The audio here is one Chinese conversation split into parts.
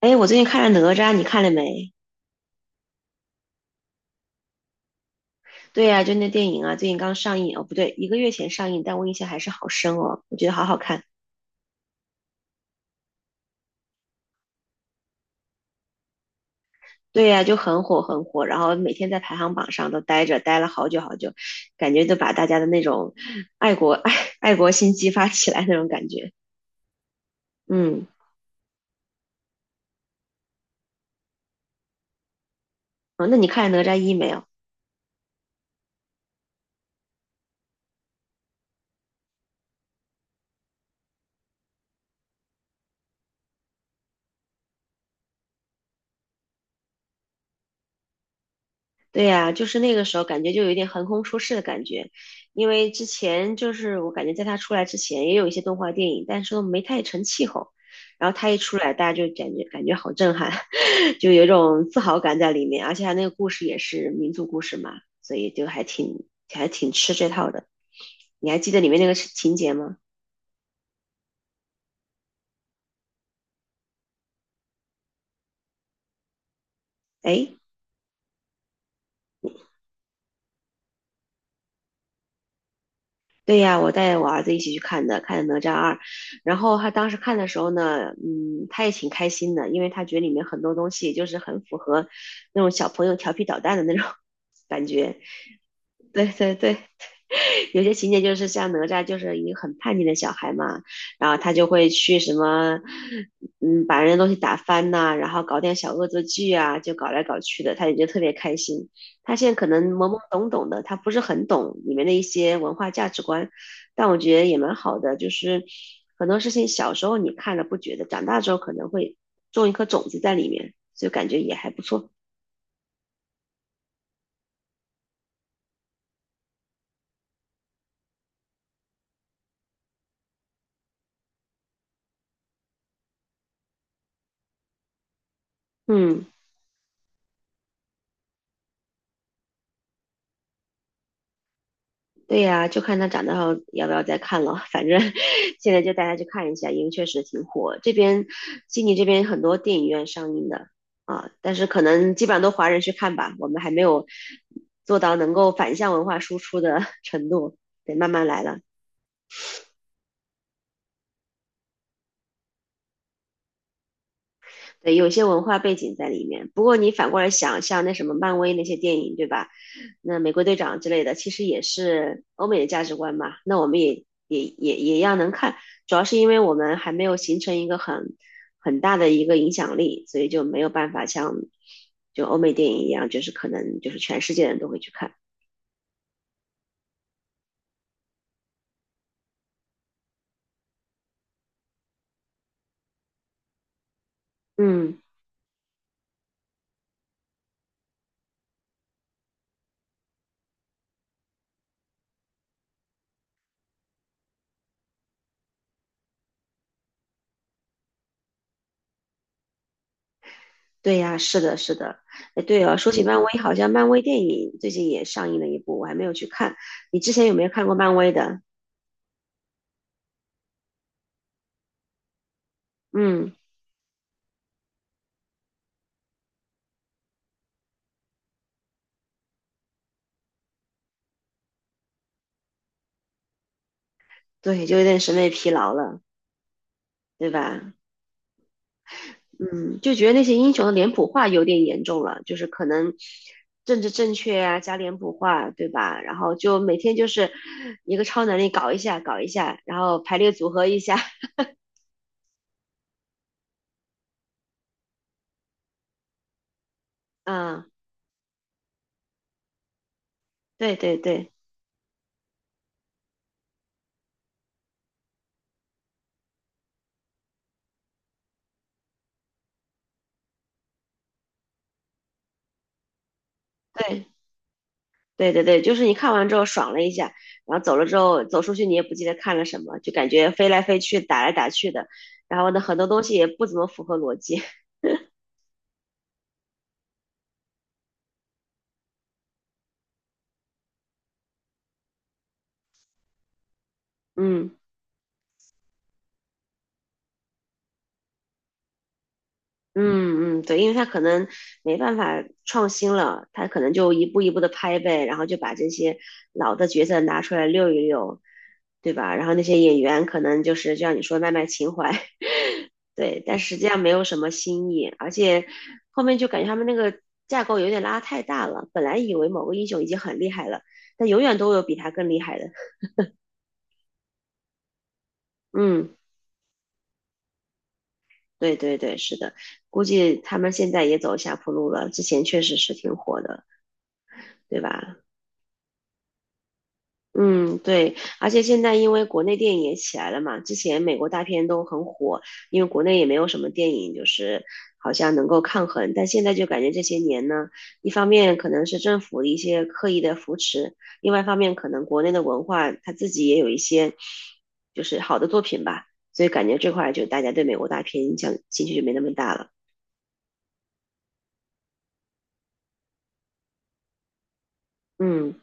哎，我最近看了《哪吒》，你看了没？对呀、就那电影啊，最近刚上映哦，不对，一个月前上映，但我印象还是好深哦，我觉得好好看。对呀、就很火很火，然后每天在排行榜上都待着，待了好久好久，感觉就把大家的那种爱国 爱国心激发起来那种感觉。嗯，哦，那你看了《哪吒一》没有？对呀，就是那个时候感觉就有一点横空出世的感觉，因为之前就是我感觉在他出来之前也有一些动画电影，但是都没太成气候，然后他一出来，大家就感觉好震撼，就有一种自豪感在里面，而且他那个故事也是民族故事嘛，所以就还挺吃这套的。你还记得里面那个情节吗？哎，对呀，我带我儿子一起去看的，看的《哪吒二》，然后他当时看的时候呢，嗯，他也挺开心的，因为他觉得里面很多东西就是很符合那种小朋友调皮捣蛋的那种 感觉。对对对，有些情节就是像哪吒就是一个很叛逆的小孩嘛，然后他就会去什么，嗯，把人的东西打翻呐、然后搞点小恶作剧啊，就搞来搞去的，他也就特别开心。他现在可能懵懵懂懂的，他不是很懂里面的一些文化价值观，但我觉得也蛮好的，就是很多事情小时候你看了不觉得，长大之后可能会种一颗种子在里面，就感觉也还不错。嗯。对呀，就看他长大后要不要再看了。反正 现在就带他去看一下，因为确实挺火。这边悉尼这边很多电影院上映的啊，但是可能基本上都华人去看吧，我们还没有做到能够反向文化输出的 程度，得慢慢来了。对，有些文化背景在里面。不过你反过来想，像那什么漫威那些电影，对吧？那美国队长之类的，其实也是欧美的价值观嘛。那我们也一样能看，主要是因为我们还没有形成一个很大的一个影响力，所以就没有办法像就欧美电影一样，就是可能就是全世界人都会去看。嗯，对呀，是的，是的。哎，对哦，说起漫威，好像漫威电影最近也上映了一部，我还没有去看。你之前有没有看过漫威的？嗯。对，就有点审美疲劳了，对吧？嗯，就觉得那些英雄的脸谱化有点严重了，就是可能政治正确啊，加脸谱化，对吧？然后就每天就是一个超能力搞一下，搞一下，然后排列组合一下，嗯，对对对对对对对，就是你看完之后爽了一下，然后走了之后走出去你也不记得看了什么，就感觉飞来飞去，打来打去的，然后呢很多东西也不怎么符合逻辑，嗯。嗯嗯，对，因为他可能没办法创新了，他可能就一步一步的拍呗，然后就把这些老的角色拿出来溜一溜，对吧？然后那些演员可能就是就像你说卖情怀，对，但实际上没有什么新意，而且后面就感觉他们那个架构有点拉太大了，本来以为某个英雄已经很厉害了，但永远都有比他更厉害的。嗯，对对对，是的，估计他们现在也走下坡路了，之前确实是挺火的，对吧？嗯，对，而且现在因为国内电影也起来了嘛，之前美国大片都很火，因为国内也没有什么电影就是好像能够抗衡，但现在就感觉这些年呢，一方面可能是政府的一些刻意的扶持，另外一方面可能国内的文化它自己也有一些就是好的作品吧，所以感觉这块儿就大家对美国大片影响兴趣就没那么大了。嗯。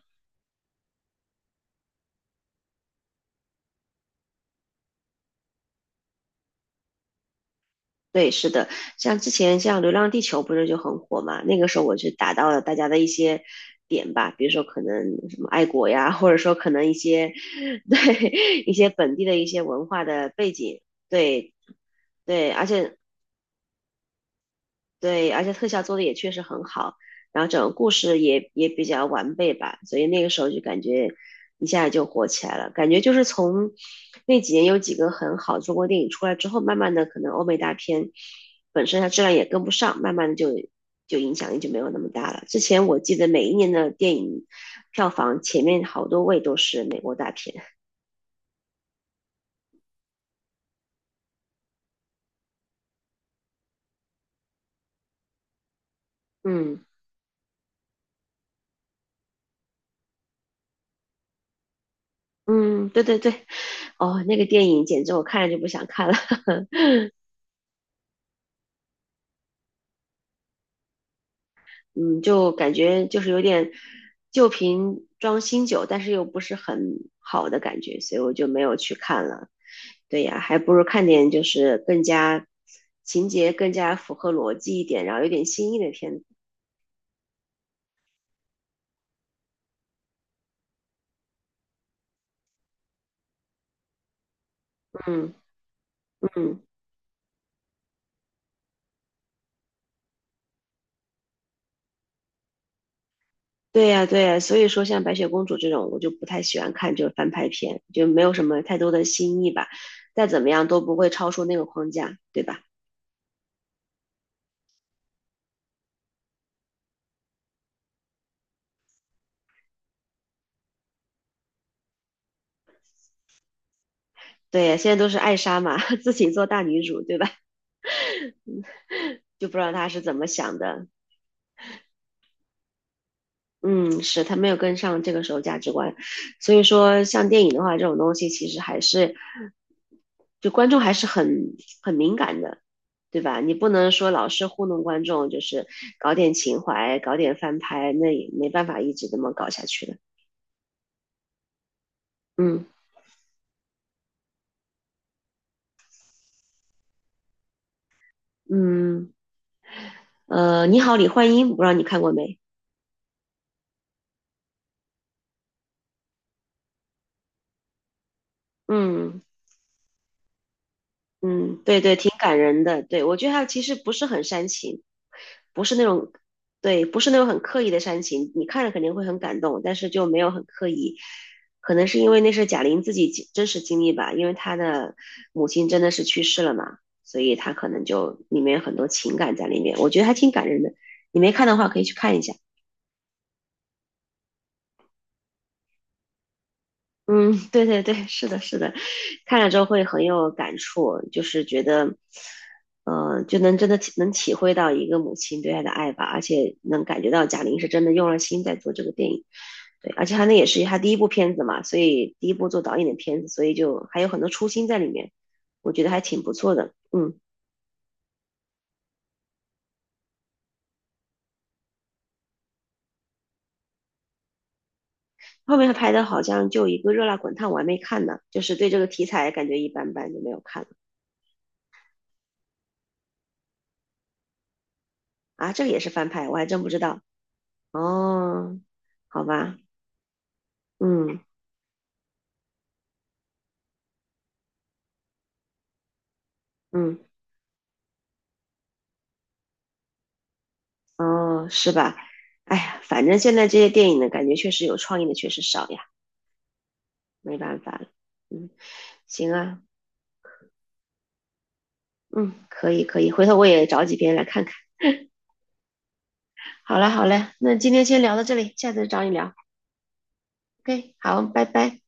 对，是的，像之前像《流浪地球》不是就很火嘛？那个时候我就打到了大家的一些点吧，比如说可能什么爱国呀，或者说可能一些 对一些本地的一些文化的背景，对对，而且对，而且特效做的也确实很好，然后整个故事也比较完备吧，所以那个时候就感觉一下就火起来了。感觉就是从那几年有几个很好的中国电影出来之后，慢慢的可能欧美大片本身它质量也跟不上，慢慢的就影响力就没有那么大了。之前我记得每一年的电影票房前面好多位都是美国大片，嗯嗯，对对对，哦，那个电影简直我看了就不想看了。嗯，就感觉就是有点旧瓶装新酒，但是又不是很好的感觉，所以我就没有去看了。对呀，还不如看点就是更加情节更加符合逻辑一点，然后有点新意的片子。嗯嗯，对呀对呀，所以说像白雪公主这种，我就不太喜欢看，就是翻拍片，就没有什么太多的新意吧。再怎么样都不会超出那个框架，对吧？对，现在都是艾莎嘛，自己做大女主，对吧？就不知道她是怎么想的。嗯，是他没有跟上这个时候价值观，所以说像电影的话，这种东西其实还是，就观众还是很敏感的，对吧？你不能说老是糊弄观众，就是搞点情怀，搞点翻拍，那也没办法一直这么搞下去的。嗯嗯，你好，李焕英，不知道你看过没？嗯。嗯，对对，挺感人的。对，我觉得他其实不是很煽情，不是那种，对，不是那种很刻意的煽情。你看着肯定会很感动，但是就没有很刻意。可能是因为那是贾玲自己经真实经历吧，因为她的母亲真的是去世了嘛，所以她可能就里面有很多情感在里面。我觉得还挺感人的，你没看的话可以去看一下。嗯，对对对，是的，是的，看了之后会很有感触，就是觉得，就能真的体能体会到一个母亲对爱的爱吧，而且能感觉到贾玲是真的用了心在做这个电影，对，而且她那也是她第一部片子嘛，所以第一部做导演的片子，所以就还有很多初心在里面，我觉得还挺不错的，嗯，后面她拍的好像就一个《热辣滚烫》，我还没看呢，就是对这个题材感觉一般般，就没有看了啊，这个也是翻拍，我还真不知道哦，好吧。嗯嗯，哦，是吧？哎呀，反正现在这些电影呢，感觉确实有创意的确实少呀，没办法了。嗯，行啊，嗯，可以可以，回头我也找几篇来看看。好嘞好嘞，那今天先聊到这里，下次找你聊。OK，好，拜拜。